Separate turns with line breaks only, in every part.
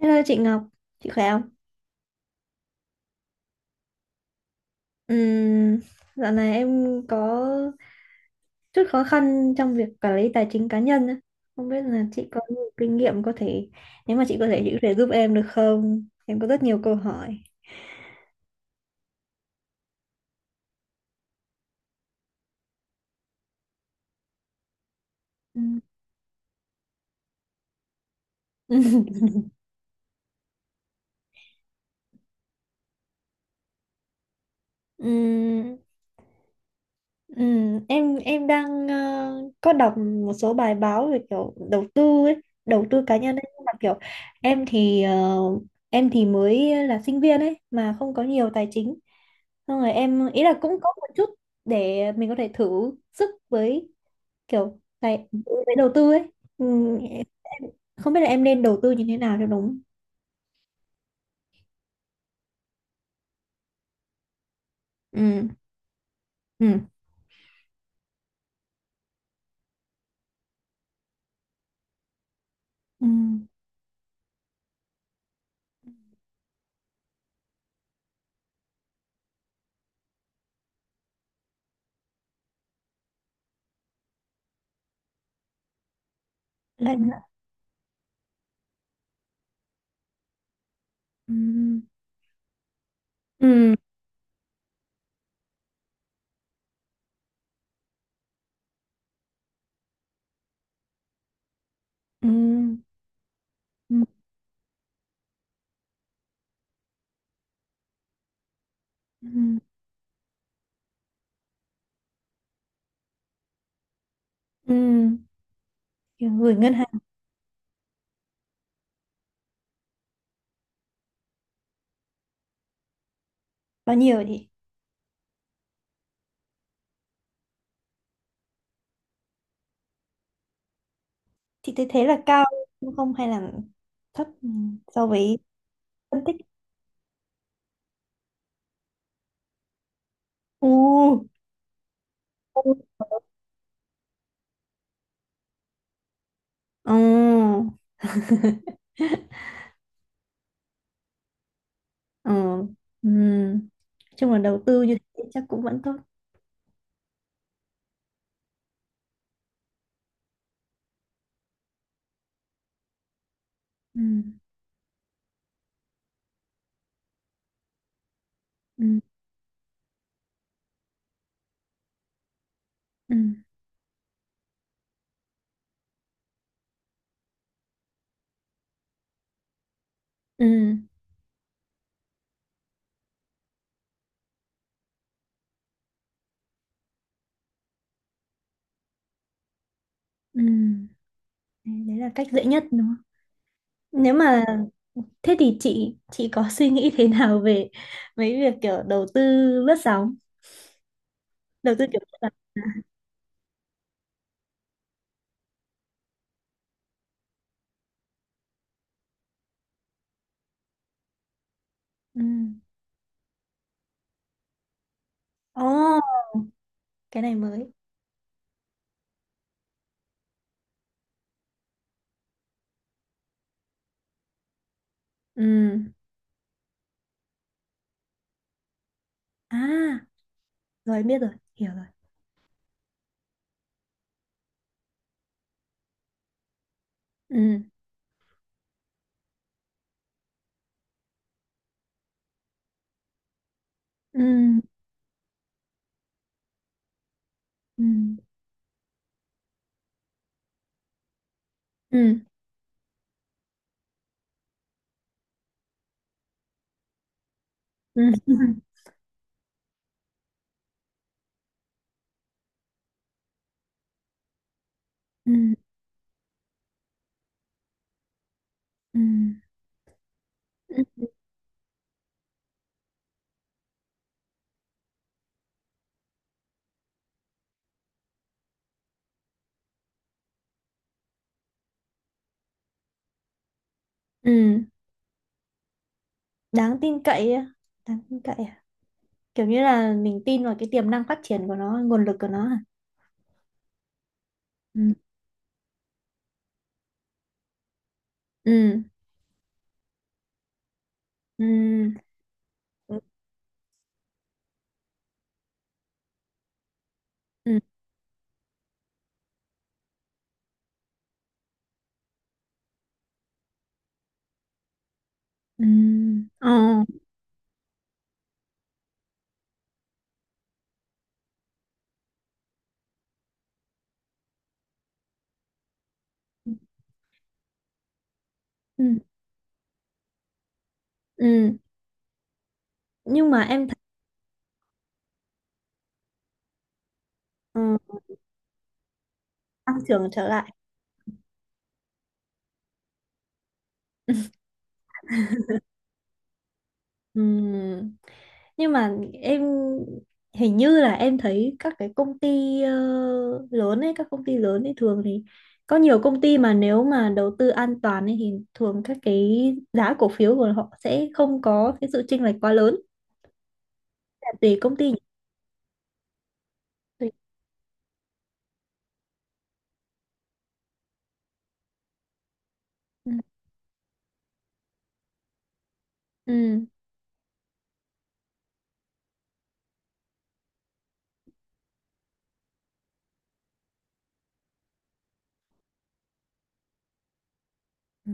Hello chị Ngọc, chị khỏe không? Ừm, dạo này em có chút khó khăn trong việc quản lý tài chính cá nhân á. Không biết là chị có nhiều kinh nghiệm có thể, nếu mà chị có thể giúp em được không? Em có rất nhiều câu hỏi. Ừm. Ừm, em đang có đọc một số bài báo về kiểu đầu tư ấy, đầu tư cá nhân ấy, nhưng mà kiểu em thì em thì mới là sinh viên ấy mà không có nhiều tài chính. Xong rồi em ý là cũng có một chút để mình có thể thử sức với kiểu tài với đầu tư ấy. Ừ, em không biết là em nên đầu tư như thế nào cho đúng. Ừ. Ừ. Ừ. Lại nữa. Ừ. Ừ. Ừ. Ừ. Ừ. Ừ. Kiểu gửi ngân hàng bao nhiêu thì thấy thế là cao đúng không hay là thấp so với phân tích. Ừ. Ừ. Ừ. Ừ. Ừ. Chung là đầu tư như thế chắc cũng vẫn tốt. Ừ. Ừ. Ừ. Ừ. Ừ. Đấy đấy là cách dễ nhất đúng không nếu mà thế thì chị có suy nghĩ thế nào về mấy việc kiểu đầu tư lướt sóng, đầu tư kiểu lướt sóng. Ừ. Ồ, cái này mới. Ừ. À, rồi biết rồi, hiểu rồi. Ừ. Ừ. Ừ. Ừ. Ừ. Ừ. Ừ. Ừ. Ừ. Ừ. Đáng tin cậy á, đáng tin cậy à, kiểu như là mình tin vào cái tiềm năng phát triển của nó, nguồn lực của nó à. Ừ. Ừ. Ừ. Ừ. Ừ. Ừ. Ờ. Ừ. Ừ. Nhưng mà em thấy ờ, tăng trưởng trở lại. Ừ. Nhưng mà em hình như là em thấy các cái công ty lớn ấy, các công ty lớn ấy thường thì có nhiều công ty mà nếu mà đầu tư an toàn ấy thì thường các cái giá cổ phiếu của họ sẽ không có cái sự chênh lệch quá lớn. Là tùy công ty nhỉ? Tùy. Ừ. Ừ. Ừ.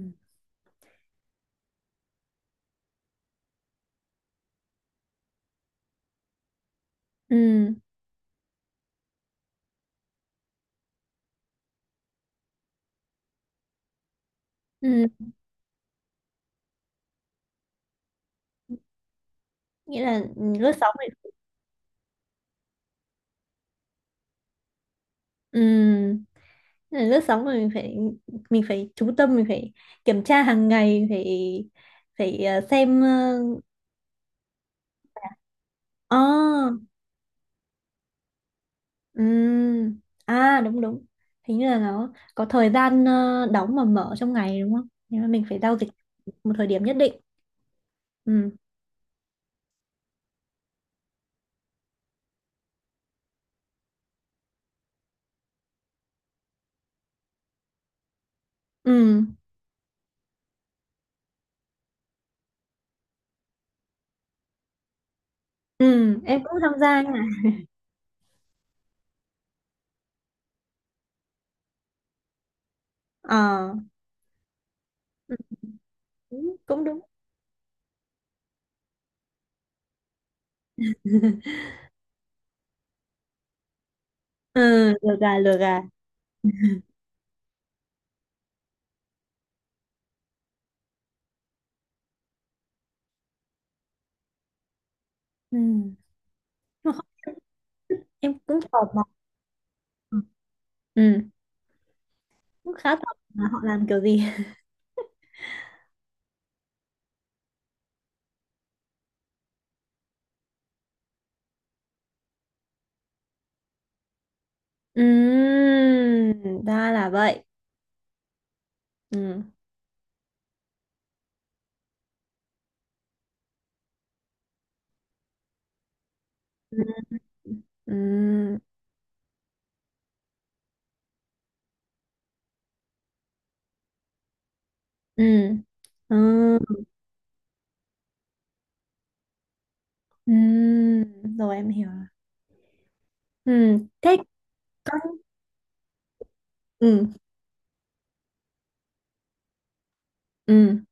Ừ. Ừ. Nghĩa là lớp 6 này. Ừ. Nên là lướt sóng là mình phải, mình phải chú tâm, mình phải kiểm tra hàng ngày, phải phải xem ờ, ừm, à đúng đúng. Hình như là nó có thời gian đóng và mở trong ngày đúng không? Nếu mà mình phải giao dịch một thời điểm nhất định. Ừ, ừ, ừ, em cũng tham gia nha. Ờ, ừ, cũng cũng đúng. Ừ, lừa gà, lừa gà. Ừ. Mà không, em cũng tò mò. Ừ. Cũng khá tầm là họ làm kiểu gì. Ra là vậy. Ừm. Ừ. Ừm, ừm, ừm, ừm. Rồi em hiểu rồi. Thế có ừm, ừm,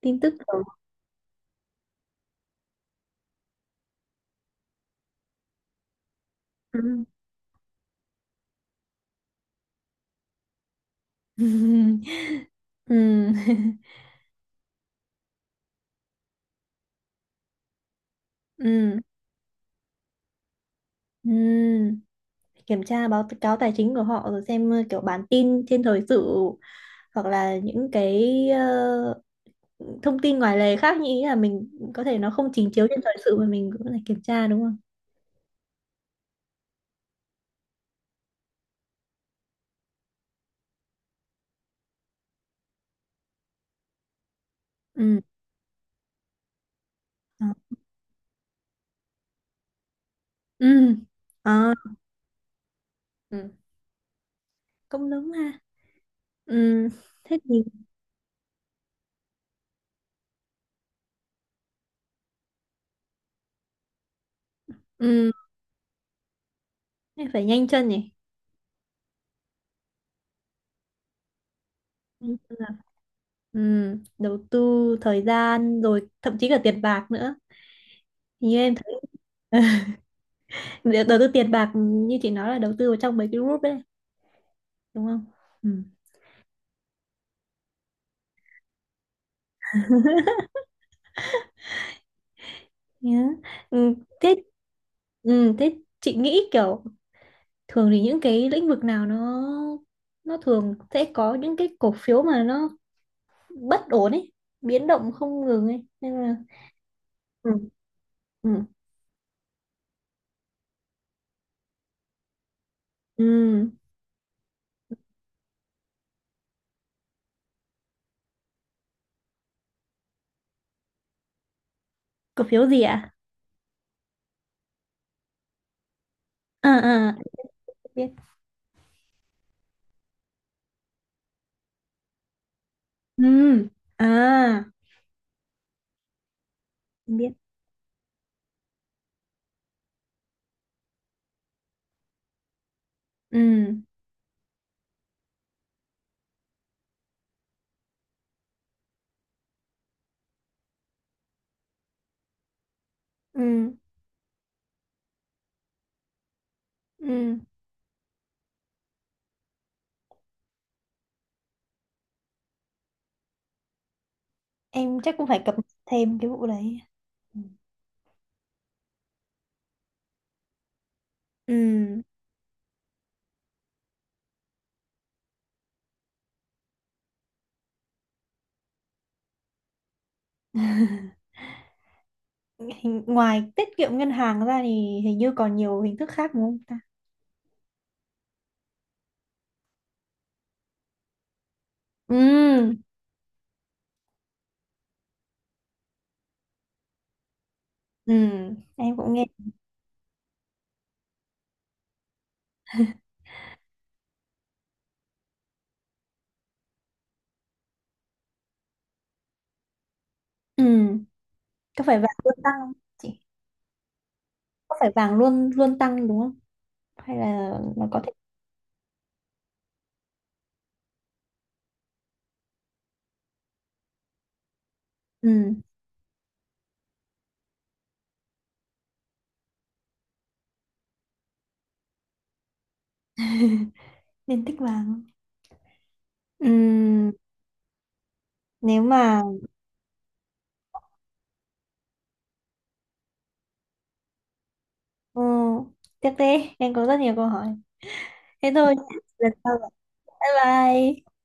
tin tức. Ừ. Ừm, ừm, ừm, ừm. Kiểm tra báo cáo tài chính của họ rồi xem kiểu bản tin trên thời sự hoặc là những cái thông tin ngoài lề khác, như ý là mình có thể nó không trình chiếu trên thời sự mà mình cũng phải kiểm tra đúng không? Ừ. ờ, ừ. Ờ. Ừ, cũng đúng ha. Ừ, thế thì ừ, thế phải nhanh chân nhỉ. Nhanh chân là- ừ, đầu tư thời gian rồi thậm chí cả tiền bạc nữa. Hình như em thấy để đầu tư tiền bạc như chị nói là đầu tư vào trong mấy cái group đấy đúng không. Ừ. Nhớ. Ừ. Thế ừ. Thế chị nghĩ kiểu thường thì những cái lĩnh vực nào nó thường sẽ có những cái cổ phiếu mà nó bất ổn ấy, biến động không ngừng ấy nên là ừ. Ừ. Ừ. Cổ phiếu gì ạ? À à, em biết. Ừ. À, em biết. Ừ. Ừ. Ừ. Em chắc cũng phải cập nhật thêm cái vụ đấy. Ừ. Ừ hình, ngoài tiết kiệm ngân hàng ra thì hình như còn nhiều hình thức khác đúng không ta. Ừ. Ừ, em cũng nghe. Ừ, có phải vàng luôn tăng không chị? Có phải vàng luôn luôn tăng đúng không, hay là nó có thể ừ nên tích vàng không? Ừ nếu mà ừ, tiếp đi, em có rất nhiều câu hỏi. Thế thôi, lần sau gặp. Bye bye.